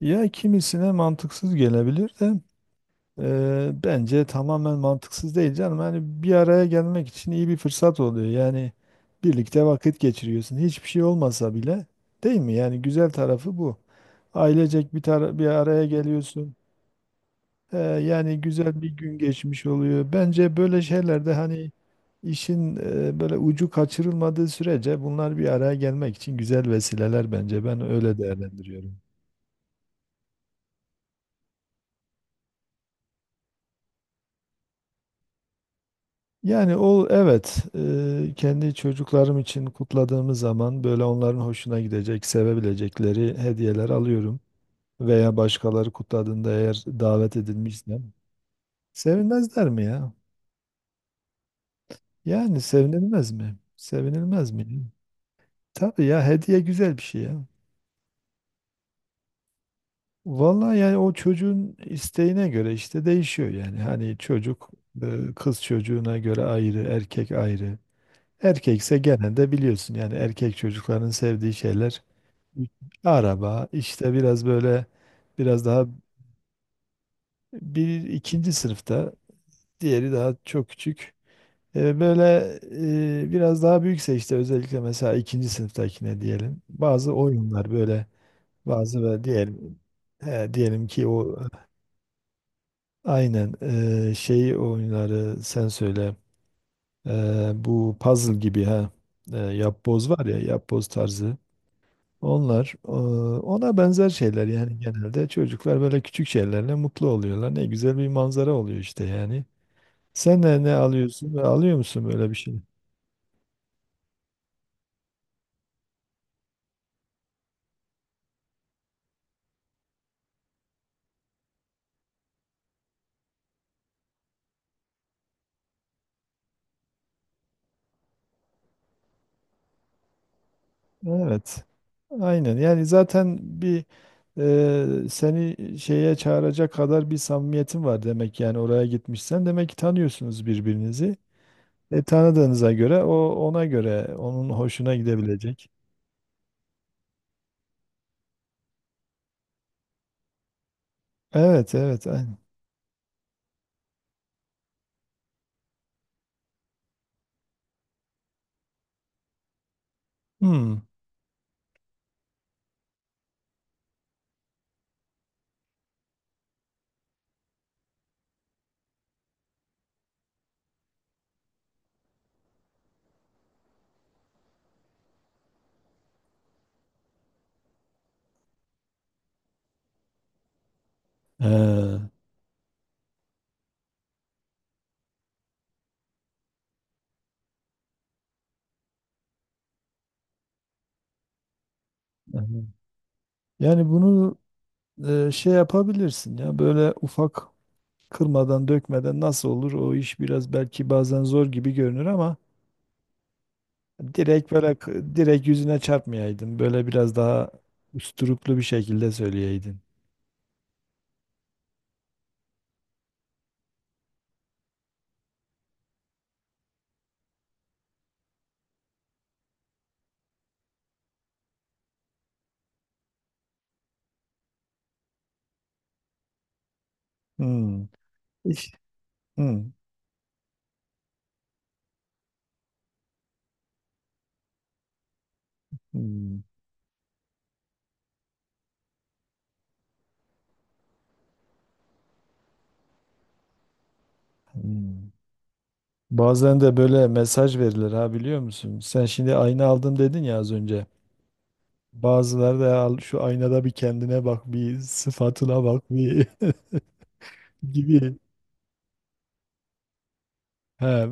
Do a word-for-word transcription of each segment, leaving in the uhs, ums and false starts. Ya kimisine mantıksız gelebilir de eee, bence tamamen mantıksız değil canım. Hani bir araya gelmek için iyi bir fırsat oluyor. Yani birlikte vakit geçiriyorsun. Hiçbir şey olmasa bile değil mi? Yani güzel tarafı bu. Ailecek bir tara- bir araya geliyorsun. Ee, yani güzel bir gün geçmiş oluyor. Bence böyle şeylerde hani işin eee, böyle ucu kaçırılmadığı sürece bunlar bir araya gelmek için güzel vesileler bence. Ben öyle değerlendiriyorum. Yani o, evet, e, kendi çocuklarım için kutladığımız zaman böyle onların hoşuna gidecek, sevebilecekleri hediyeler alıyorum. Veya başkaları kutladığında eğer davet edilmişsem sevinmezler mi ya? Yani sevinilmez mi? Sevinilmez mi? Tabii ya, hediye güzel bir şey ya. Vallahi yani o çocuğun isteğine göre işte değişiyor yani. Hani çocuk, e, kız çocuğuna göre ayrı, erkek ayrı. Erkekse genelde biliyorsun yani erkek çocukların sevdiği şeyler, araba işte, biraz böyle, biraz daha. Bir ikinci sınıfta, diğeri daha çok küçük. E, böyle, e, biraz daha büyükse işte özellikle mesela ikinci sınıftakine diyelim. Bazı oyunlar böyle, bazı ve diyelim, he, diyelim ki o, aynen, e, şey oyunları sen söyle. E, Bu puzzle gibi, ha, e, yapboz var ya, yapboz tarzı. Onlar, e, ona benzer şeyler yani genelde çocuklar böyle küçük şeylerle mutlu oluyorlar. Ne güzel bir manzara oluyor işte yani. Sen de ne alıyorsun? Ve alıyor musun böyle bir şey? Evet. Aynen. Yani zaten bir, e, seni şeye çağıracak kadar bir samimiyetin var demek, yani oraya gitmişsen demek ki tanıyorsunuz birbirinizi. E, tanıdığınıza göre o, ona göre onun hoşuna gidebilecek. Evet, evet, aynen. Hmm. Ee, aha. Yani bunu e, şey yapabilirsin ya, böyle ufak, kırmadan dökmeden nasıl olur o iş, biraz belki bazen zor gibi görünür ama direkt böyle, k- direkt yüzüne çarpmayaydın, böyle biraz daha usturuplu bir şekilde söyleyeydin. Hmm. İş. Hmm. Hmm. Hmm. Bazen de böyle mesaj verilir ha, biliyor musun? Sen şimdi ayna aldım dedin ya az önce. Bazıları da al şu aynada bir kendine bak, bir sıfatına bak bir gibi. Ha,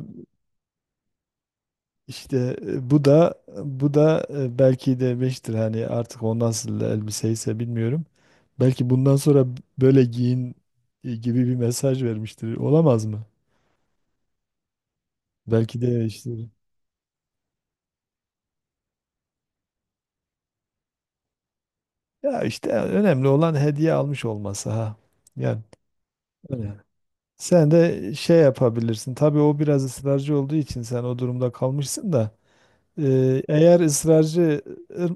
işte, e, bu da bu da e, belki de beştir hani, artık o nasıl elbiseyse bilmiyorum. Belki bundan sonra böyle giyin, e, gibi bir mesaj vermiştir. Olamaz mı? Belki de işte. Ya işte önemli olan hediye almış olması, ha. Yani sen de şey yapabilirsin. Tabii o biraz ısrarcı olduğu için sen o durumda kalmışsın da. E, eğer ısrarcı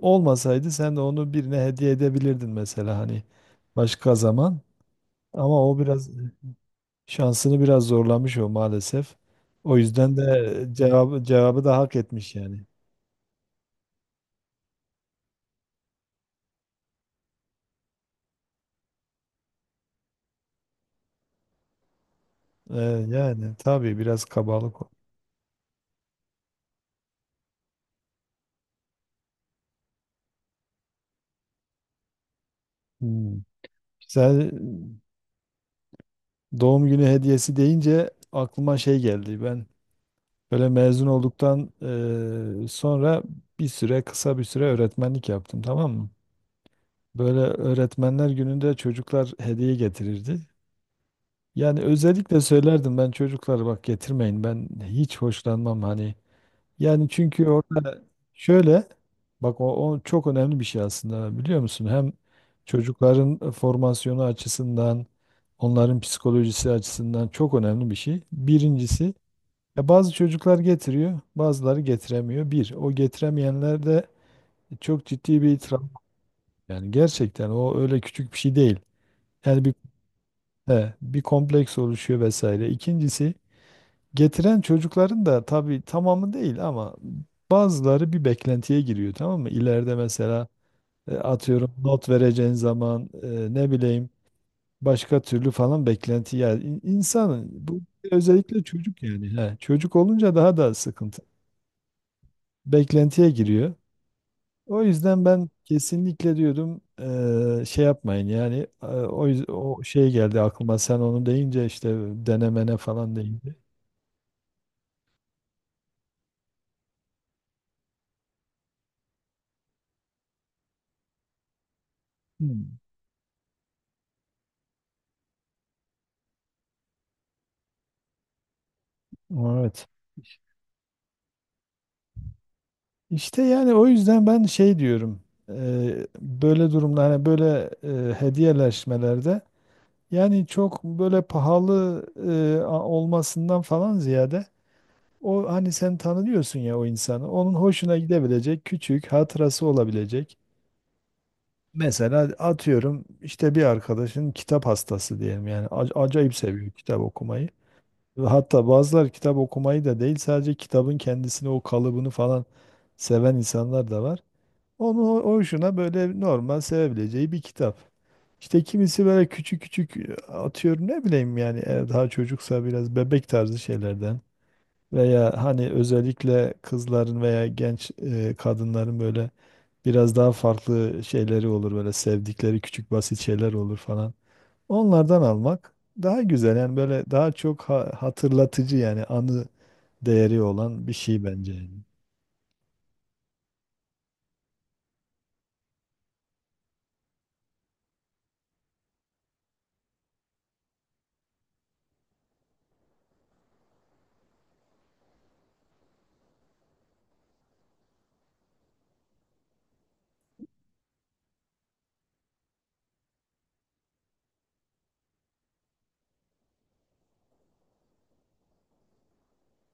olmasaydı sen de onu birine hediye edebilirdin mesela, hani, başka zaman. Ama o biraz şansını biraz zorlamış o, maalesef. O yüzden de cevabı, cevabı da hak etmiş yani. E, Yani tabii biraz kabalık o. Hmm. Sen doğum günü hediyesi deyince aklıma şey geldi. Ben böyle mezun olduktan eee, sonra bir süre kısa bir süre öğretmenlik yaptım, tamam mı? Böyle öğretmenler gününde çocuklar hediye getirirdi. Yani özellikle söylerdim ben, çocuklar bak, getirmeyin, ben hiç hoşlanmam hani. Yani çünkü orada şöyle, bak, o, o çok önemli bir şey aslında, biliyor musun? Hem çocukların formasyonu açısından, onların psikolojisi açısından çok önemli bir şey. Birincisi, ya bazı çocuklar getiriyor, bazıları getiremiyor. Bir, o getiremeyenlerde çok ciddi bir itiraf. Yani gerçekten o öyle küçük bir şey değil. Yani bir he, bir kompleks oluşuyor vesaire. İkincisi, getiren çocukların da tabii tamamı değil ama bazıları bir beklentiye giriyor, tamam mı? İleride mesela, e, atıyorum not vereceğin zaman, e, ne bileyim başka türlü falan beklenti yani, in- insanın bu özellikle çocuk, yani, he, çocuk olunca daha da sıkıntı, beklentiye giriyor. O yüzden ben kesinlikle diyordum eee, şey yapmayın yani, eee, o, yüz- o şey geldi aklıma sen onu deyince, işte, denemene falan deyince. Hmm, evet. İşte yani o yüzden ben şey diyorum, eee, böyle durumda hani, böyle, eee, hediyeleşmelerde yani çok böyle pahalı eee, a- olmasından falan ziyade, o hani sen tanıyorsun ya o insanı, onun hoşuna gidebilecek küçük hatırası olabilecek. Mesela atıyorum işte bir arkadaşın kitap hastası diyelim yani, ac- acayip seviyor kitap okumayı. Ve hatta bazıları kitap okumayı da değil, sadece kitabın kendisini, o kalıbını falan seven insanlar da var. Onu, o hoşuna böyle normal sevebileceği bir kitap. İşte kimisi böyle küçük küçük, e, atıyorum ne bileyim yani, eğer daha çocuksa biraz bebek tarzı şeylerden. Veya hani özellikle kızların veya genç, e, kadınların böyle biraz daha farklı şeyleri olur, böyle sevdikleri küçük basit şeyler olur falan. Onlardan almak daha güzel yani, böyle daha çok ha- hatırlatıcı yani anı değeri olan bir şey bence. Yani.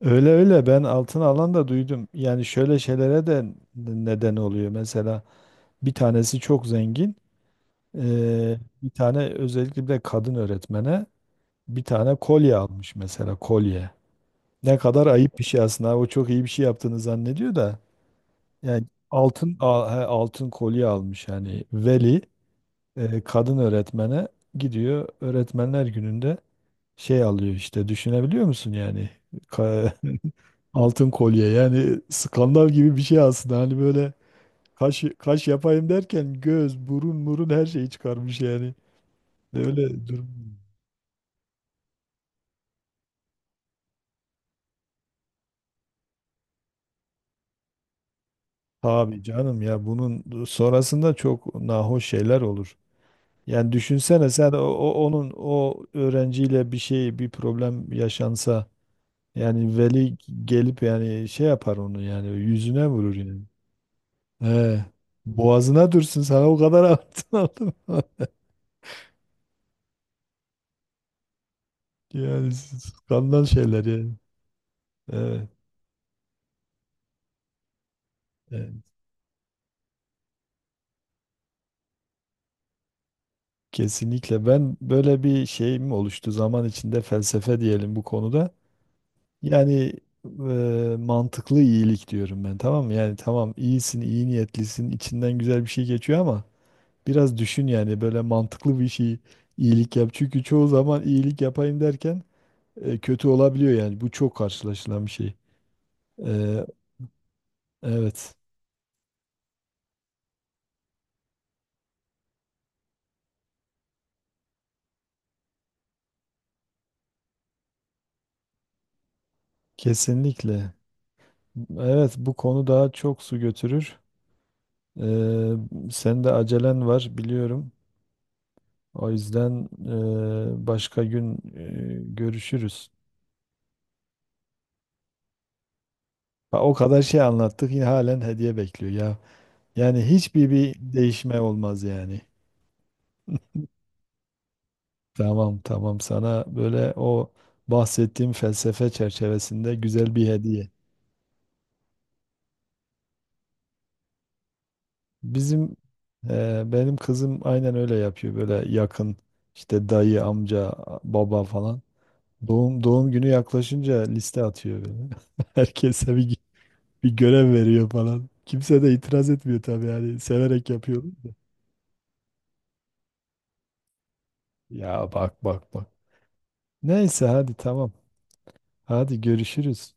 Öyle öyle, ben altın alan da duydum. Yani şöyle şeylere de neden oluyor. Mesela bir tanesi çok zengin. E, bir tane özellikle, bir de kadın öğretmene bir tane kolye almış, mesela kolye. Ne kadar ayıp bir şey aslında. O çok iyi bir şey yaptığını zannediyor da. Yani altın al- he, altın kolye almış yani, veli, e, kadın öğretmene gidiyor öğretmenler gününde, şey alıyor işte, düşünebiliyor musun yani, Ka- altın kolye, yani skandal gibi bir şey aslında hani, böyle kaş kaş yapayım derken göz burun murun her şeyi çıkarmış yani, öyle durum. Tabii canım ya, bunun sonrasında çok nahoş şeyler olur. Yani düşünsene sen o, o- onun o öğrenciyle bir şey, bir problem yaşansa, yani veli gelip yani şey yapar onu, yani yüzüne vurur yani. He. Boğazına dursun, sana o kadar altın aldım. Yani skandal şeyler yani. Evet, evet. Kesinlikle, ben böyle bir şeyim oluştu zaman içinde, felsefe diyelim bu konuda. Yani, e, mantıklı iyilik diyorum ben, tamam mı? Yani tamam, iyisin, iyi niyetlisin, içinden güzel bir şey geçiyor ama biraz düşün yani, böyle mantıklı bir şey, iyilik yap. Çünkü çoğu zaman iyilik yapayım derken e, kötü olabiliyor yani. Bu çok karşılaşılan bir şey. E, evet, kesinlikle. Evet, bu konu daha çok su götürür. E, Sen de acelen var biliyorum. O yüzden e, başka gün e, görüşürüz. Ha, o kadar şey anlattık, yine halen hediye bekliyor ya. Yani hiçbir bir değişme olmaz yani. Tamam, tamam, sana böyle o bahsettiğim felsefe çerçevesinde güzel bir hediye. Bizim, e, benim kızım aynen öyle yapıyor böyle, yakın işte, dayı, amca, baba falan. Doğum doğum günü yaklaşınca liste atıyor böyle. Herkese bir, bir görev veriyor falan. Kimse de itiraz etmiyor tabii yani, severek yapıyor. Ya bak bak bak. Neyse hadi, tamam. Hadi görüşürüz.